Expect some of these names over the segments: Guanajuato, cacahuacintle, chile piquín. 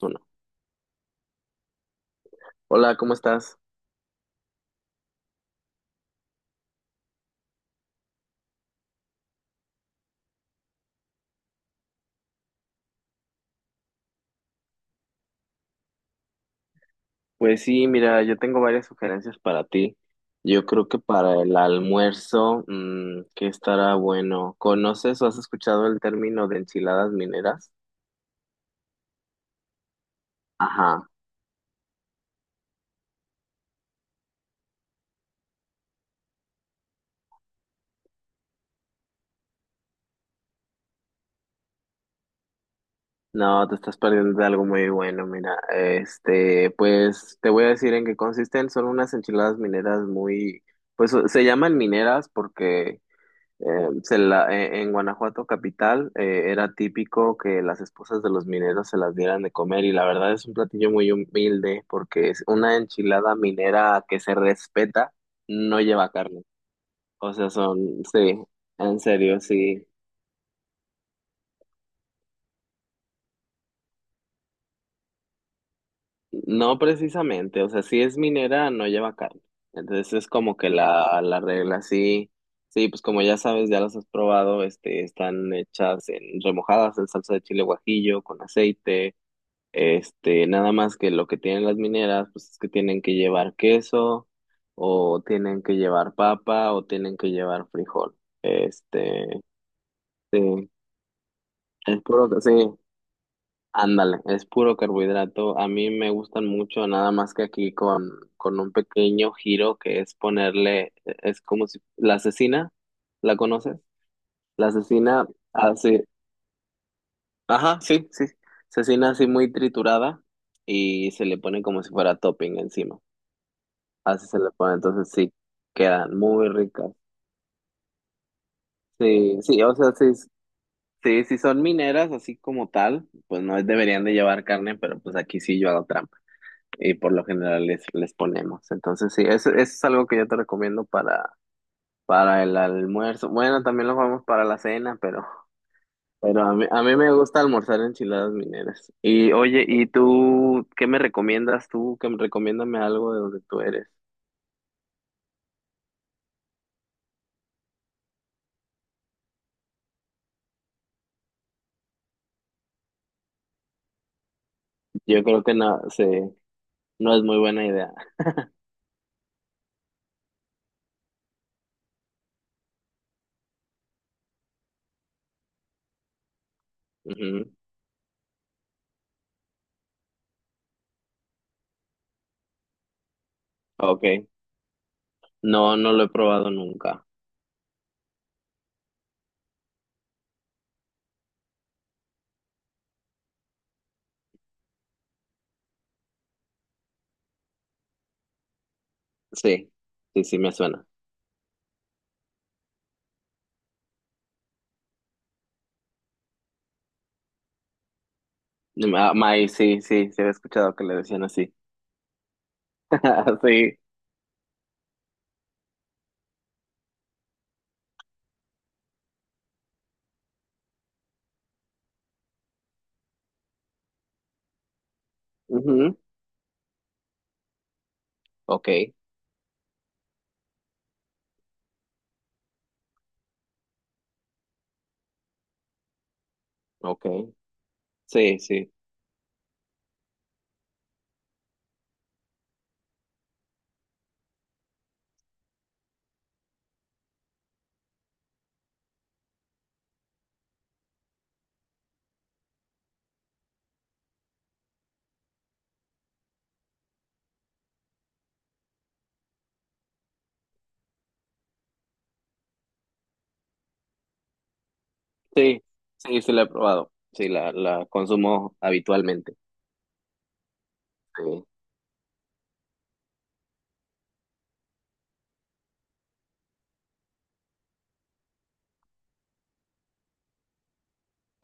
Uno. Hola, ¿cómo estás? Pues sí, mira, yo tengo varias sugerencias para ti. Yo creo que para el almuerzo, mm, que estará bueno. ¿Conoces o has escuchado el término de enchiladas mineras? Ajá. No, te estás perdiendo de algo muy bueno, mira. Pues te voy a decir en qué consisten. Son unas enchiladas mineras muy, pues se llaman mineras porque Eh, en Guanajuato capital era típico que las esposas de los mineros se las dieran de comer, y la verdad es un platillo muy humilde porque es una enchilada minera que se respeta, no lleva carne. O sea, son, sí, en serio, sí. No precisamente, o sea, si es minera, no lleva carne. Entonces es como que la regla, sí. Sí, pues como ya sabes, ya las has probado, están hechas en remojadas en salsa de chile guajillo con aceite. Nada más que lo que tienen las mineras, pues es que tienen que llevar queso, o tienen que llevar papa, o tienen que llevar frijol. Este, sí, es puro, sí, ándale, es puro carbohidrato. A mí me gustan mucho, nada más que aquí con un pequeño giro que es ponerle, es como si, la cecina, ¿la conoces? La cecina así, ajá, sí, sí, cecina así muy triturada y se le pone como si fuera topping encima. Así se le pone, entonces sí, quedan muy ricas. Sí, sí, o sea, sí, sí, sí son mineras así como tal, pues no deberían de llevar carne, pero pues aquí sí yo hago trampa y por lo general les ponemos. Entonces sí, eso es algo que yo te recomiendo para el almuerzo. Bueno, también lo vamos para la cena, pero a mí me gusta almorzar enchiladas mineras. Y oye, ¿y tú qué me recomiendas tú? Que me recomiéndame algo de donde tú eres. Yo creo que no, sí, no es muy buena idea. Ujú. Ok, no, no lo he probado nunca. Sí, sí, sí, me suena. Maíz, sí, sí, se había escuchado que le decían así. Sí, ujú, ok, ok, sí, sí, sí, sí, sí, la he probado. Sí, la consumo habitualmente. Sí.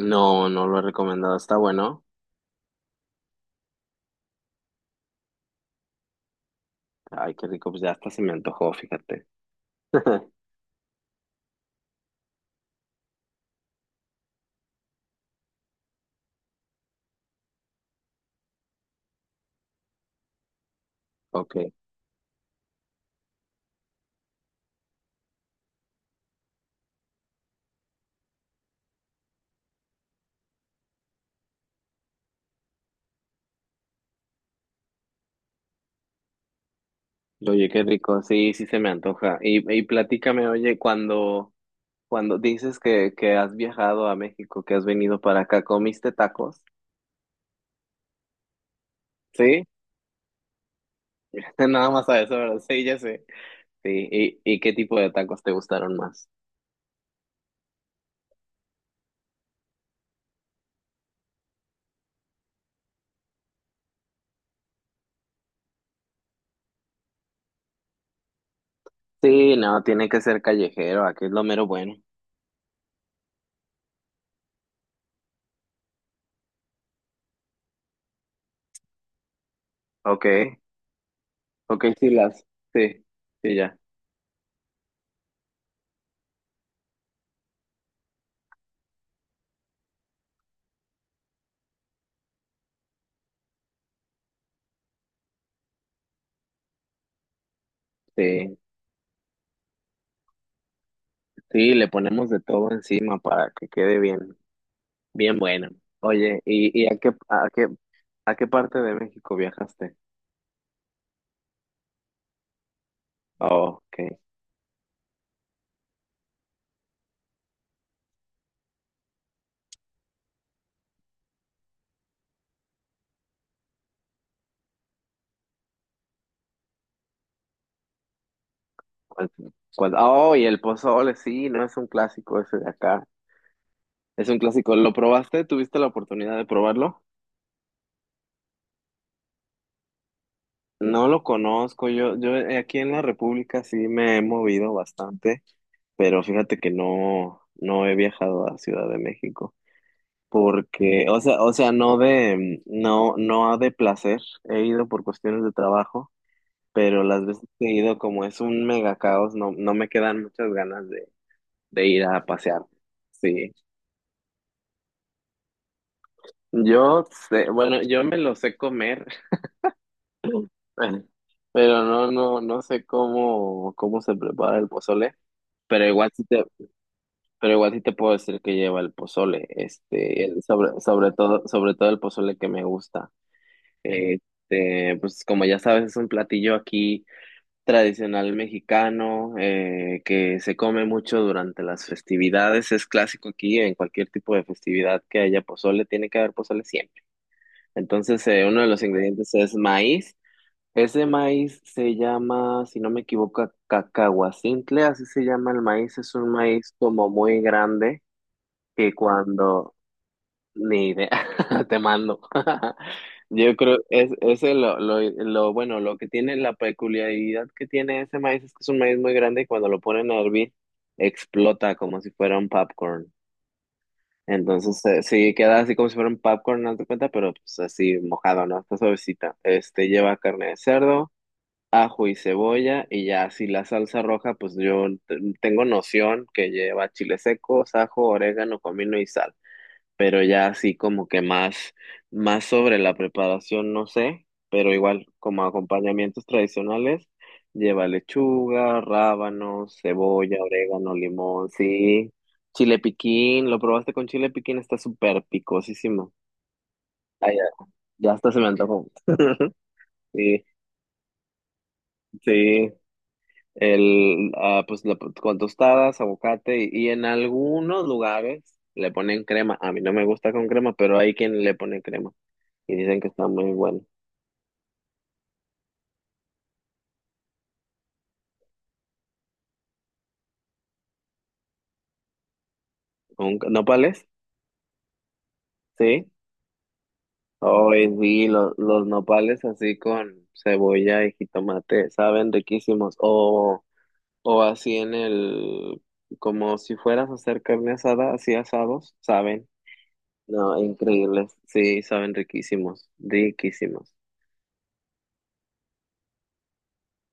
No, no lo he recomendado, está bueno. Ay, qué rico, pues ya hasta se me antojó, fíjate. Ok, oye, qué rico, sí, sí se me antoja. Y platícame, oye, cuando. Cuando dices que has viajado a México, que has venido para acá, ¿comiste tacos? Sí, nada más a eso, ¿verdad? Sí, ya sé. Sí, y qué tipo de tacos te gustaron más? Sí, no, tiene que ser callejero, aquí es lo mero bueno. Ok, ok, sí, las, sí, sí, ya, sí, sí, le ponemos de todo encima para que quede bien, bien bueno. Oye, y a qué, a qué parte de México viajaste? Oh, ok. cuál- Oh, y el pozole, sí, no es un clásico ese de acá. Es un clásico. ¿Lo probaste? ¿Tuviste la oportunidad de probarlo? No lo conozco. Yo aquí en la República sí me he movido bastante, pero fíjate que no, no he viajado a Ciudad de México. Porque, o sea, no de, no, no de placer. He ido por cuestiones de trabajo, pero las veces que he ido, como es un mega caos, no, no me quedan muchas ganas de ir a pasear. Sí. Yo sé, bueno, yo me lo sé comer, pero no, no, no sé cómo, cómo se prepara el pozole, pero igual sí te, pero igual sí te puedo decir que lleva el pozole, sobre, sobre todo el pozole que me gusta. Pues como ya sabes, es un platillo aquí tradicional mexicano, que se come mucho durante las festividades, es clásico aquí, en cualquier tipo de festividad que haya pozole, tiene que haber pozole siempre. Entonces, uno de los ingredientes es maíz. Ese maíz se llama, si no me equivoco, cacahuacintle, así se llama el maíz. Es un maíz como muy grande que cuando... Ni idea, te mando. Yo creo, es, ese lo, bueno, lo que tiene, la peculiaridad que tiene ese maíz es que es un maíz muy grande y cuando lo ponen a hervir, explota como si fuera un popcorn. Entonces, sí, queda así como si fuera un popcorn, no te cuenta, pero pues así mojado, ¿no? Está suavecita. Este lleva carne de cerdo, ajo y cebolla, y ya si la salsa roja, pues yo tengo noción que lleva chile seco, ajo, orégano, comino y sal, pero ya así como que más, más sobre la preparación, no sé, pero igual como acompañamientos tradicionales, lleva lechuga, rábanos, cebolla, orégano, limón, sí, chile piquín, lo probaste con chile piquín, está súper picosísimo. Ah, ya, ya hasta se me antojó. Sí, sí. Pues con tostadas, aguacate y en algunos lugares le ponen crema. A mí no me gusta con crema, pero hay quien le pone crema y dicen que está muy bueno. ¿Con nopales? Sí. Hoy vi los nopales así con cebolla y jitomate, saben riquísimos. O así en el, como si fueras a hacer carne asada, así asados, saben. No, increíbles. Sí, saben riquísimos, riquísimos.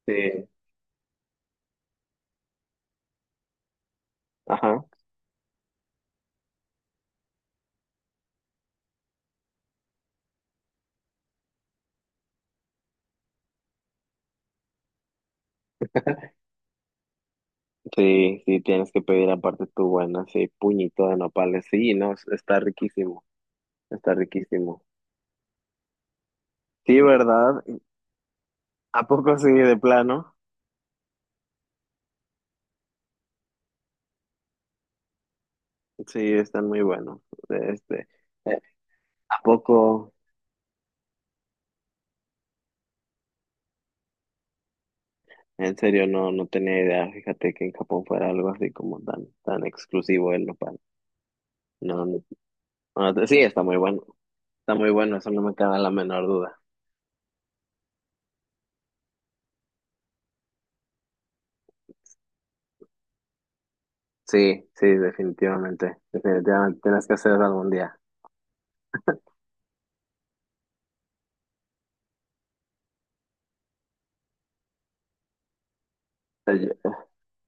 Sí. Ajá. Sí, sí, tienes que pedir aparte tu buena, sí, puñito de nopales. Sí, no, está riquísimo, está riquísimo. Sí, ¿verdad? ¿A poco sí, de plano? Sí, están muy buenos. Este, eh, ¿A poco? En serio, no, no tenía idea. Fíjate que en Japón fuera algo así como tan, tan exclusivo el nopal. No, no, no, no, sí, está muy bueno. Está muy bueno, eso no me queda la menor duda. Sí, sí, definitivamente. Definitivamente tienes que hacerlo algún día. Eh,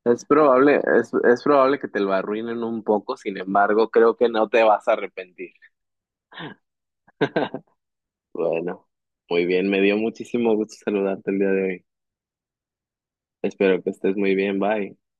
Es probable que te lo arruinen un poco, sin embargo, creo que no te vas a arrepentir. Bueno, muy bien, me dio muchísimo gusto saludarte el día de hoy. Espero que estés muy bien, bye.